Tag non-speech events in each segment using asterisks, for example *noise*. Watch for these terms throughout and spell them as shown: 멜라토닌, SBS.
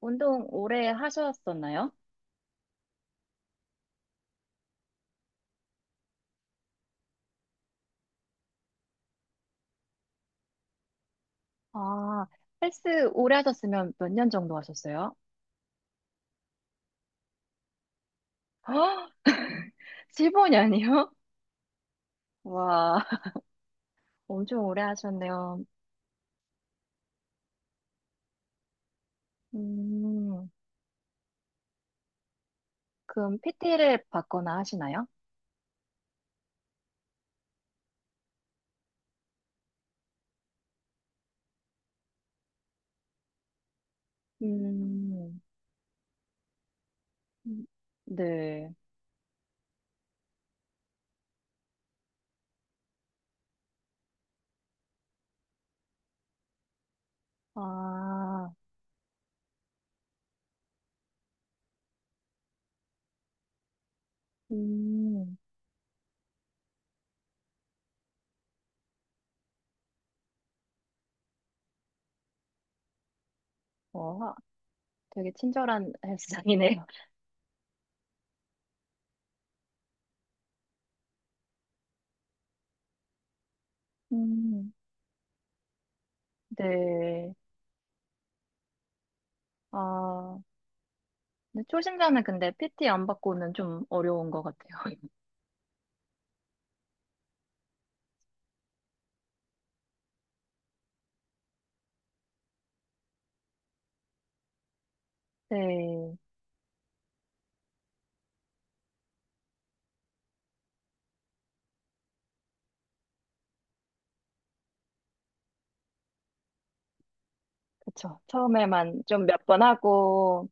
운동 오래 하셨었나요? 아, 헬스 오래 하셨으면 몇 년 정도 하셨어요? *gasps* 15년이요? *laughs* 와, *laughs* 엄청 오래 하셨네요. 음, 그럼 PT를 받거나 하시나요? 음, 네. 아, 음, 와, 되게 친절한 헬스장이네요. 음, 네. 아, 근데 초심자는 근데 PT 안 받고는 좀 어려운 것 같아요. *laughs* 네. 그쵸. 처음에만 좀 몇 번 하고,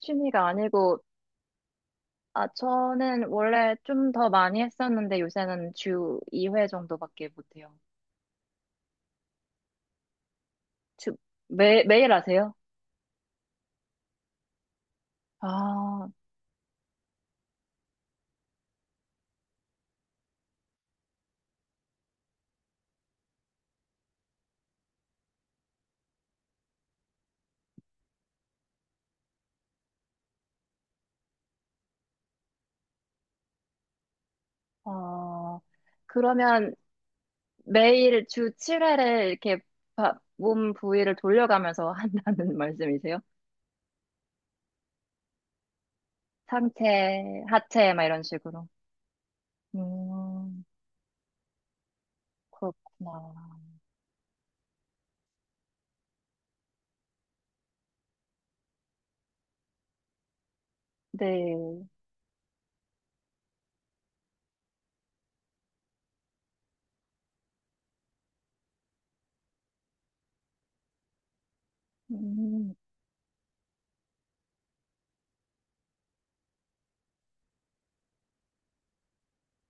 취미가 아니고, 아, 저는 원래 좀 더 많이 했었는데 요새는 주 2회 정도밖에 못해요. 주, 매일 하세요? 아, 어, 그러면 매일 주 7회를 이렇게 몸 부위를 돌려가면서 *laughs* 한다는 말씀이세요? 상체, 하체, 막 이런 식으로. 음, 그렇구나. 네. 음,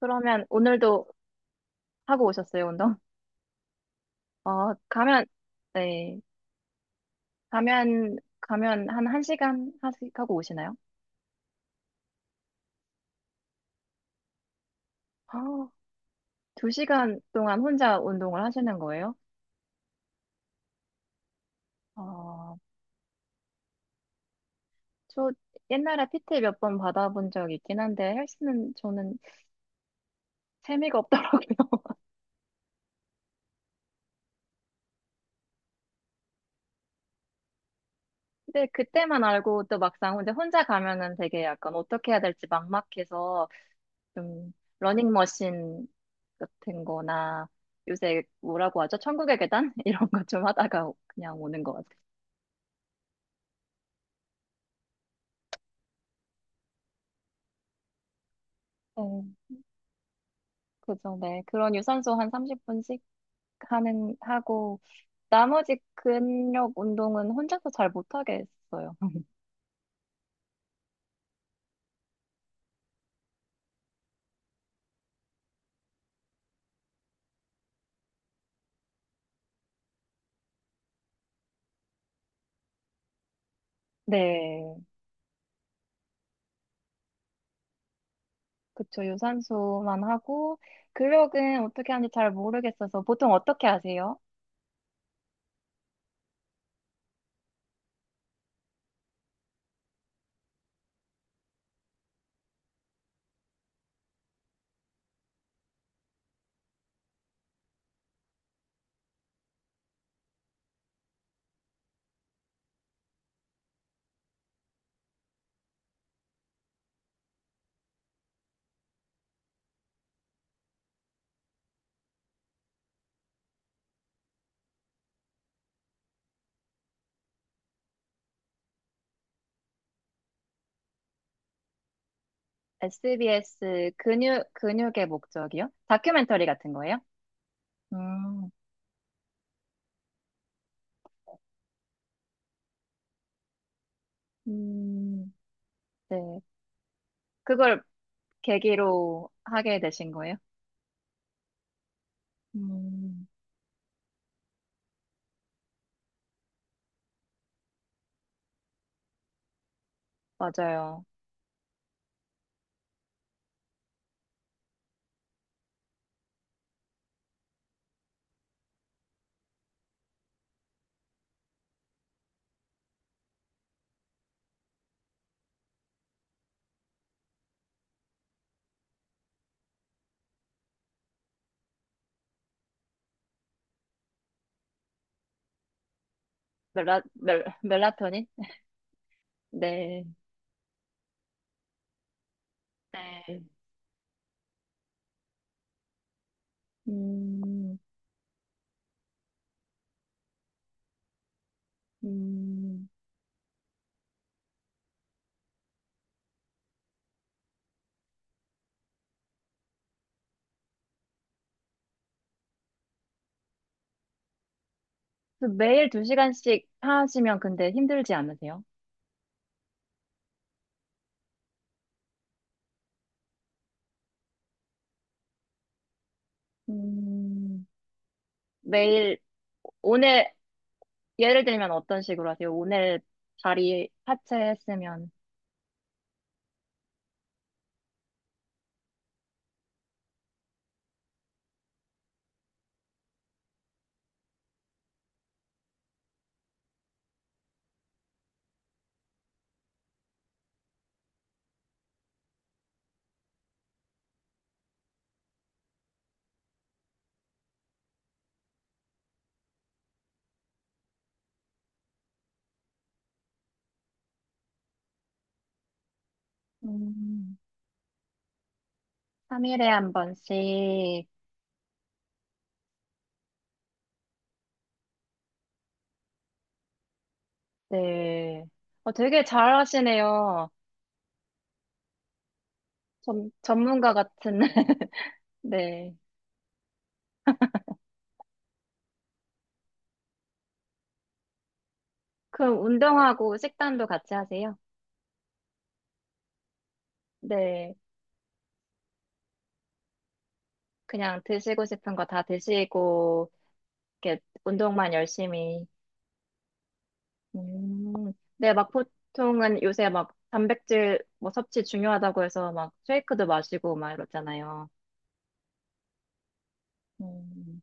그러면 오늘도 하고 오셨어요, 운동? 어, 가면, 네. 가면, 가면 한 1시간 하고 오시나요? 아, 2시간 동안 혼자 운동을 하시는 거예요? 어, 저 옛날에 PT 몇 번 받아본 적 있긴 한데 헬스는 저는 재미가 없더라고요. *laughs* 근데 그때만 알고 또 막상 혼자 가면은 되게 약간 어떻게 해야 될지 막막해서 좀 러닝머신 같은 거나 요새 뭐라고 하죠? 천국의 계단? *laughs* 이런 거 좀 하다가 그냥 오는 것 같아요. 그죠, 네. 그런 유산소 한 30분씩 하고, 나머지 근력 운동은 혼자서 잘 못하게 했어요. 네. 그쵸, 유산소만 하고, 근력은 어떻게 하는지 잘 모르겠어서, 보통 어떻게 하세요? SBS 근육, 근육의 목적이요? 다큐멘터리 같은 거예요? 음, 음, 네. 그걸 계기로 하게 되신 거예요? 음, 맞아요. 멜라토닌? 네. 네. 음, 음. 그 매일 두 시간씩 하시면 근데 힘들지 않으세요? 음, 매일, 오늘, 예를 들면 어떤 식으로 하세요? 오늘 다리 하체 했으면, 음, 3일에 한 번씩, 네. 어, 되게 잘 하시네요. 전문가 같은, *laughs* 네. 그럼 운동하고 식단도 같이 하세요? 네. 그냥 드시고 싶은 거 다 드시고, 이렇게 운동만 열심히. 음, 네, 막 보통은 요새 막 단백질 뭐 섭취 중요하다고 해서 막 쉐이크도 마시고 막 이러잖아요. 음,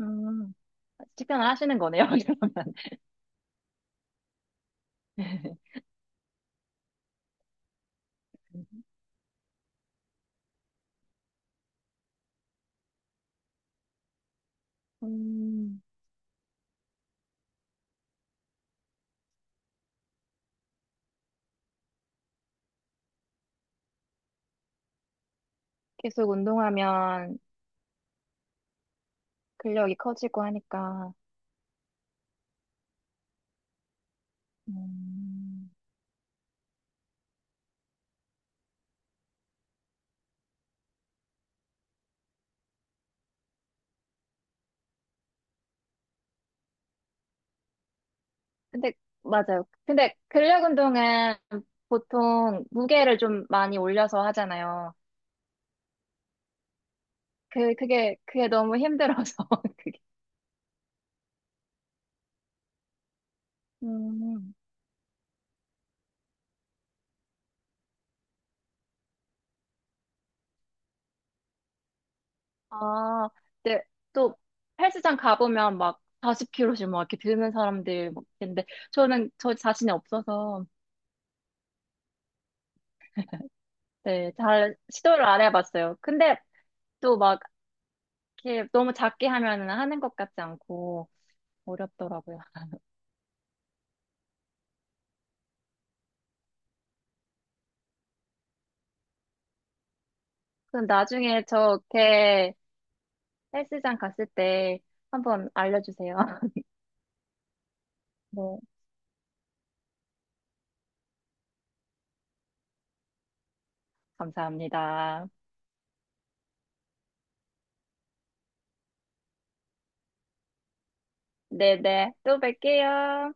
음, 식단을 하시는 거네요, *laughs* 그러면. 음, 계속 운동하면 근력이 커지고 하니까. 음, 근데, 맞아요. 근데 근력 운동은 보통 무게를 좀 많이 올려서 하잖아요. 그게 너무 힘들어서. *laughs* 그게. 음. 아, 근데 또 헬스장 가보면 막 40kg씩 막 이렇게 드는 사람들 막 있는데 저는 저 자신이 없어서 네, 잘 시도를 안 해봤어요. 근데 또 막 이렇게 너무 작게 하면은 하는 것 같지 않고 어렵더라고요. 그럼 나중에 저렇게 헬스장 갔을 때 한번 알려주세요. *laughs* 네, 감사합니다. 네네, 또 뵐게요.